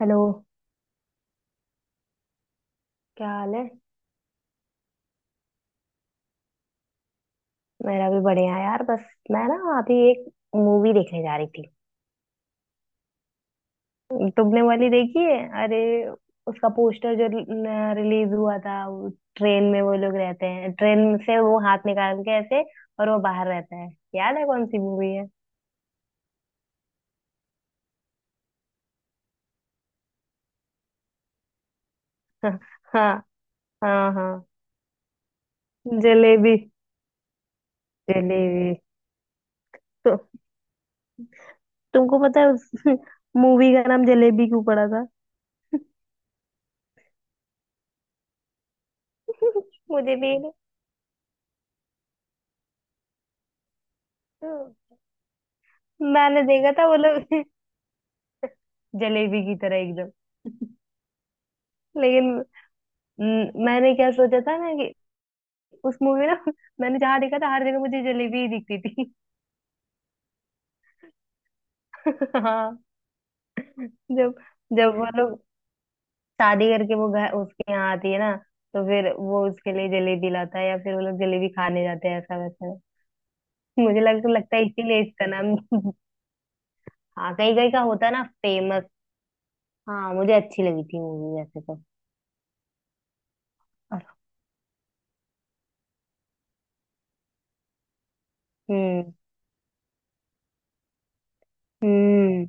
Hello. क्या हाल है। मेरा भी बढ़िया है यार। बस मैं ना अभी एक मूवी देखने जा रही थी। तुमने वाली देखी है? अरे, उसका पोस्टर जो रिलीज हुआ था, ट्रेन में वो लोग रहते हैं, ट्रेन से वो हाथ निकाल के ऐसे, और वो बाहर रहता है। याद है कौन सी मूवी है? हाँ। हाँ हाँ। जलेबी। जलेबी तो। तुमको पता है उस मूवी का नाम जलेबी क्यों पड़ा था? मुझे भी नहीं। मैंने देखा था वो लोग जलेबी की तरह एकदम। लेकिन म, मैंने क्या सोचा था ना कि उस मूवी ना मैंने जहाँ देखा था हर जगह मुझे जलेबी ही दिखती थी। हाँ। जब जब वो लोग शादी करके वो घर उसके यहाँ आती है ना, तो फिर वो उसके लिए जलेबी लाता है या फिर वो लोग जलेबी खाने जाते हैं ऐसा वैसा। मुझे लग लगता है इसीलिए इसका नाम। हाँ, कहीं कहीं का होता है ना फेमस। हाँ मुझे अच्छी लगी थी मूवी वैसे तो। हम्म। हम्म।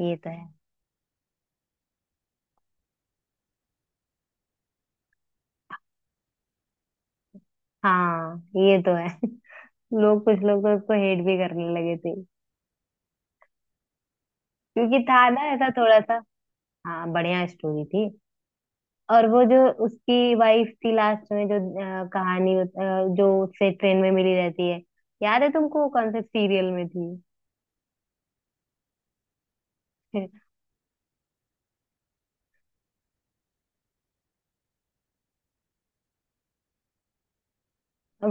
ये तो है। हाँ ये तो है। लोग कुछ लोग तो उसको हेट भी करने लगे थे, क्योंकि था ना ऐसा थोड़ा सा। हाँ बढ़िया स्टोरी थी। और वो जो उसकी वाइफ थी लास्ट में जो कहानी जो उससे ट्रेन में मिली रहती है। याद है तुमको वो कौन से सीरियल में थी?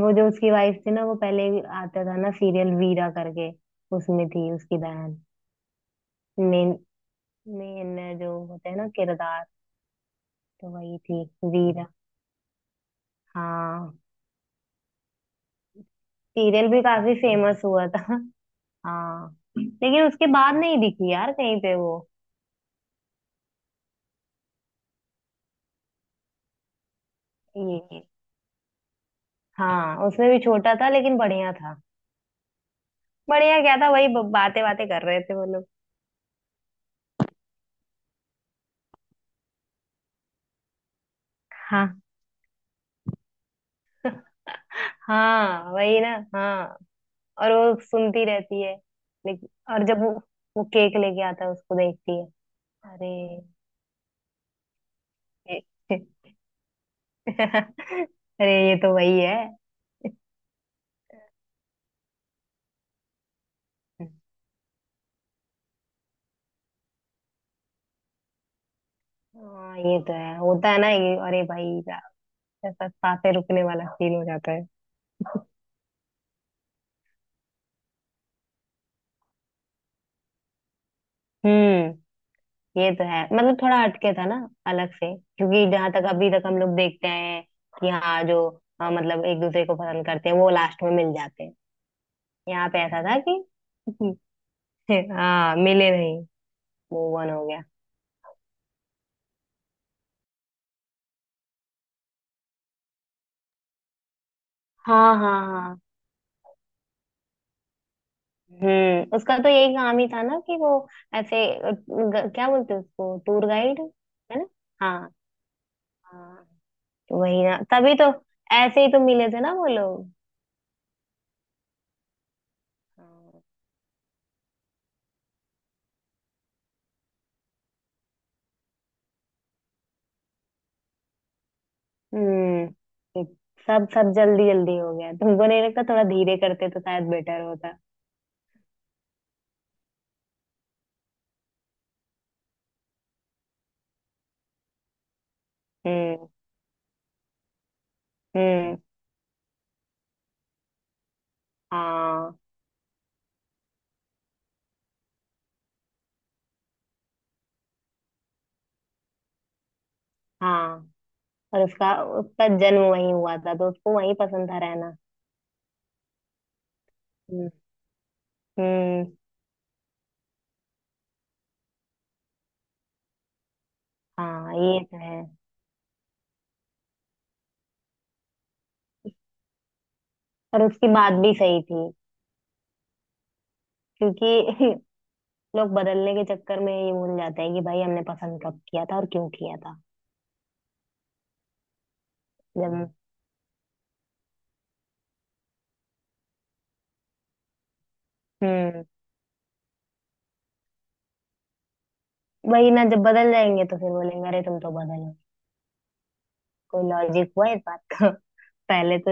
वो जो उसकी वाइफ थी ना, वो पहले आता था ना सीरियल वीरा करके, उसमें थी उसकी बहन। मेन मेन जो होते हैं ना किरदार, तो वही थी। वीरा। हाँ। सीरियल भी काफी फेमस हुआ था। हाँ। लेकिन उसके बाद नहीं दिखी यार कहीं पे वो। ये। हाँ उसमें भी छोटा था लेकिन बढ़िया था। बढ़िया क्या था, वही बातें बातें कर रहे थे वो लोग। हाँ। हाँ, वही ना। हाँ। और वो सुनती रहती है। लेकिन और जब वो केक लेके आता है उसको देखती है। अरे। अरे ये तो वही है। हाँ ये तो है। होता है ना ये। अरे भाई साहब, ऐसा सांसें रुकने वाला सीन हो जाता है। हम्म, ये तो है मतलब थोड़ा हटके था ना, अलग से, क्योंकि जहां तक अभी तक हम लोग देखते हैं कि हाँ जो, हाँ, मतलब एक दूसरे को पसंद करते हैं वो लास्ट में मिल जाते हैं। यहाँ पे ऐसा था कि हाँ मिले नहीं, मूव ऑन हो गया। हाँ। हाँ। हाँ। हम्म, उसका तो यही काम ही था ना, कि वो ऐसे क्या बोलते हैं उसको? Tour guide. है ना। हाँ। हाँ। तो वही ना, तभी तो ऐसे ही तो मिले थे ना वो लोग। हम्म। सब सब जल्दी जल्दी हो गया, तुमको नहीं लगता थोड़ा धीरे करते तो शायद बेटर होता? हम्म। हम्म। हाँ। हाँ। और उसका उसका जन्म वहीं हुआ था, तो उसको वहीं पसंद था रहना। हम्म। हम्म, हाँ ये तो है। और उसकी बात भी सही थी क्योंकि लोग बदलने के चक्कर में ये भूल जाते हैं कि भाई हमने पसंद कब किया था और क्यों किया था। जब हम्म। वही ना, जब बदल जाएंगे तो फिर बोलेंगे अरे तुम तो बदलो। कोई लॉजिक हुआ इस बात का? पहले तो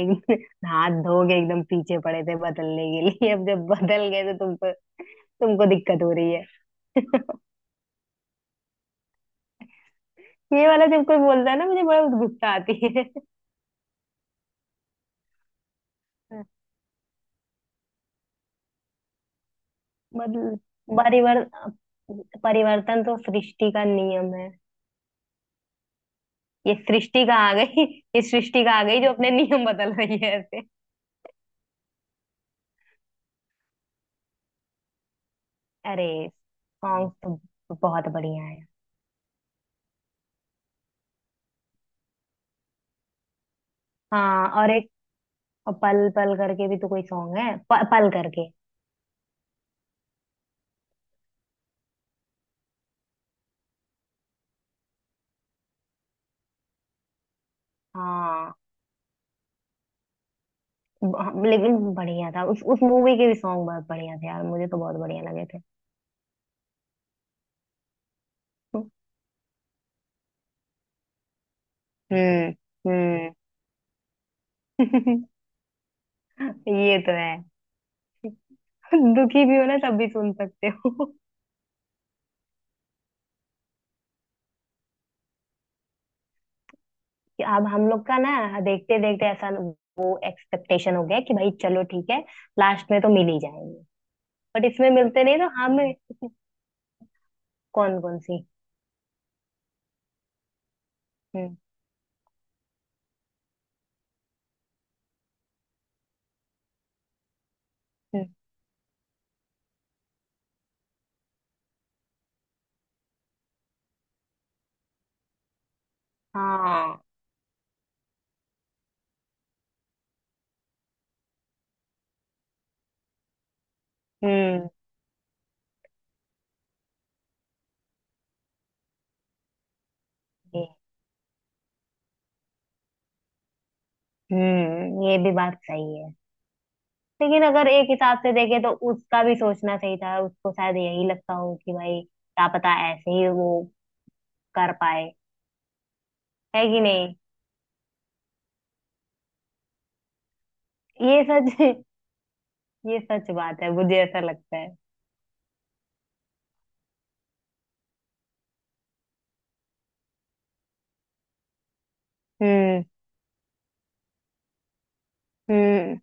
एक हाथ धो के एकदम पीछे पड़े थे बदलने के लिए, अब जब बदल गए तो तुमको तुमको दिक्कत हो रही है। ये वाला जब कोई बोलता है ना मुझे बड़ा गुस्सा आती है। मतलब परिवर परिवर्तन तो सृष्टि का नियम है। ये सृष्टि का आ गई, ये सृष्टि का आ गई जो अपने नियम बदल रही है ऐसे। अरे, सॉन्ग तो बहुत बढ़िया है। हाँ और एक पल पल करके भी तो कोई सॉन्ग है, पल करके। हाँ लेकिन बढ़िया था, उस मूवी के भी सॉन्ग बहुत बढ़िया थे यार, मुझे तो बहुत बढ़िया लगे थे। हम्म। हम्म। ये तो है। दुखी भी हो ना तब भी सुन सकते हो। कि अब हम लोग का ना देखते देखते ऐसा वो एक्सपेक्टेशन हो गया कि भाई चलो ठीक है, लास्ट में तो मिल ही जाएंगे। बट इसमें मिलते नहीं तो हमें। कौन कौन सी? हम्म। हम्म। हाँ। हम्म। ये। ये भी बात सही है। लेकिन अगर एक हिसाब से देखे तो उसका भी सोचना सही था, उसको शायद यही लगता हो कि भाई क्या पता ऐसे ही वो कर पाए। है कि नहीं? ये सच ये सच बात है, मुझे ऐसा लगता है। हम्म। हम्म।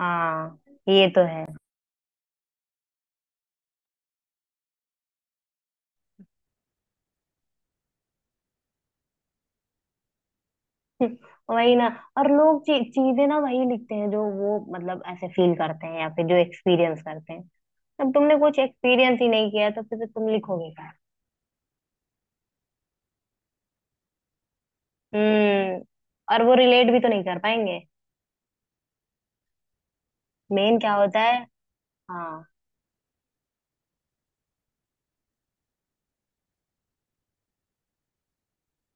हाँ ये तो है। वही ना। और लोग चीजें ना वही लिखते हैं जो वो मतलब ऐसे फील करते हैं या फिर जो एक्सपीरियंस करते हैं। अब तुमने कुछ एक्सपीरियंस ही नहीं किया है, तो फिर तो तुम लिखोगे क्या? हम्म। और वो रिलेट भी तो नहीं कर पाएंगे। मेन क्या होता है? हाँ।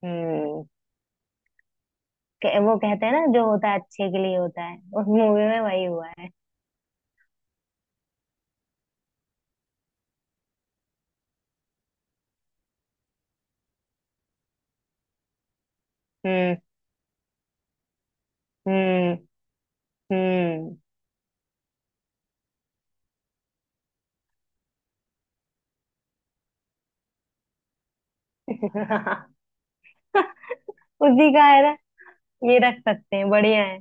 हम्म। वो कहते हैं ना जो होता है अच्छे के लिए होता है, उस मूवी में वही हुआ है। हम्म। हम्म। हम्म। उसी का है ना, ये रख सकते हैं बढ़िया है।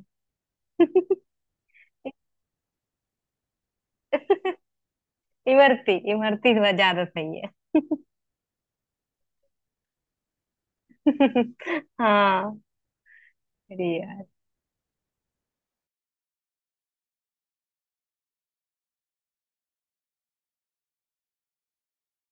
इमरती। इमरती थोड़ा ज्यादा सही है। हाँ बढ़िया है।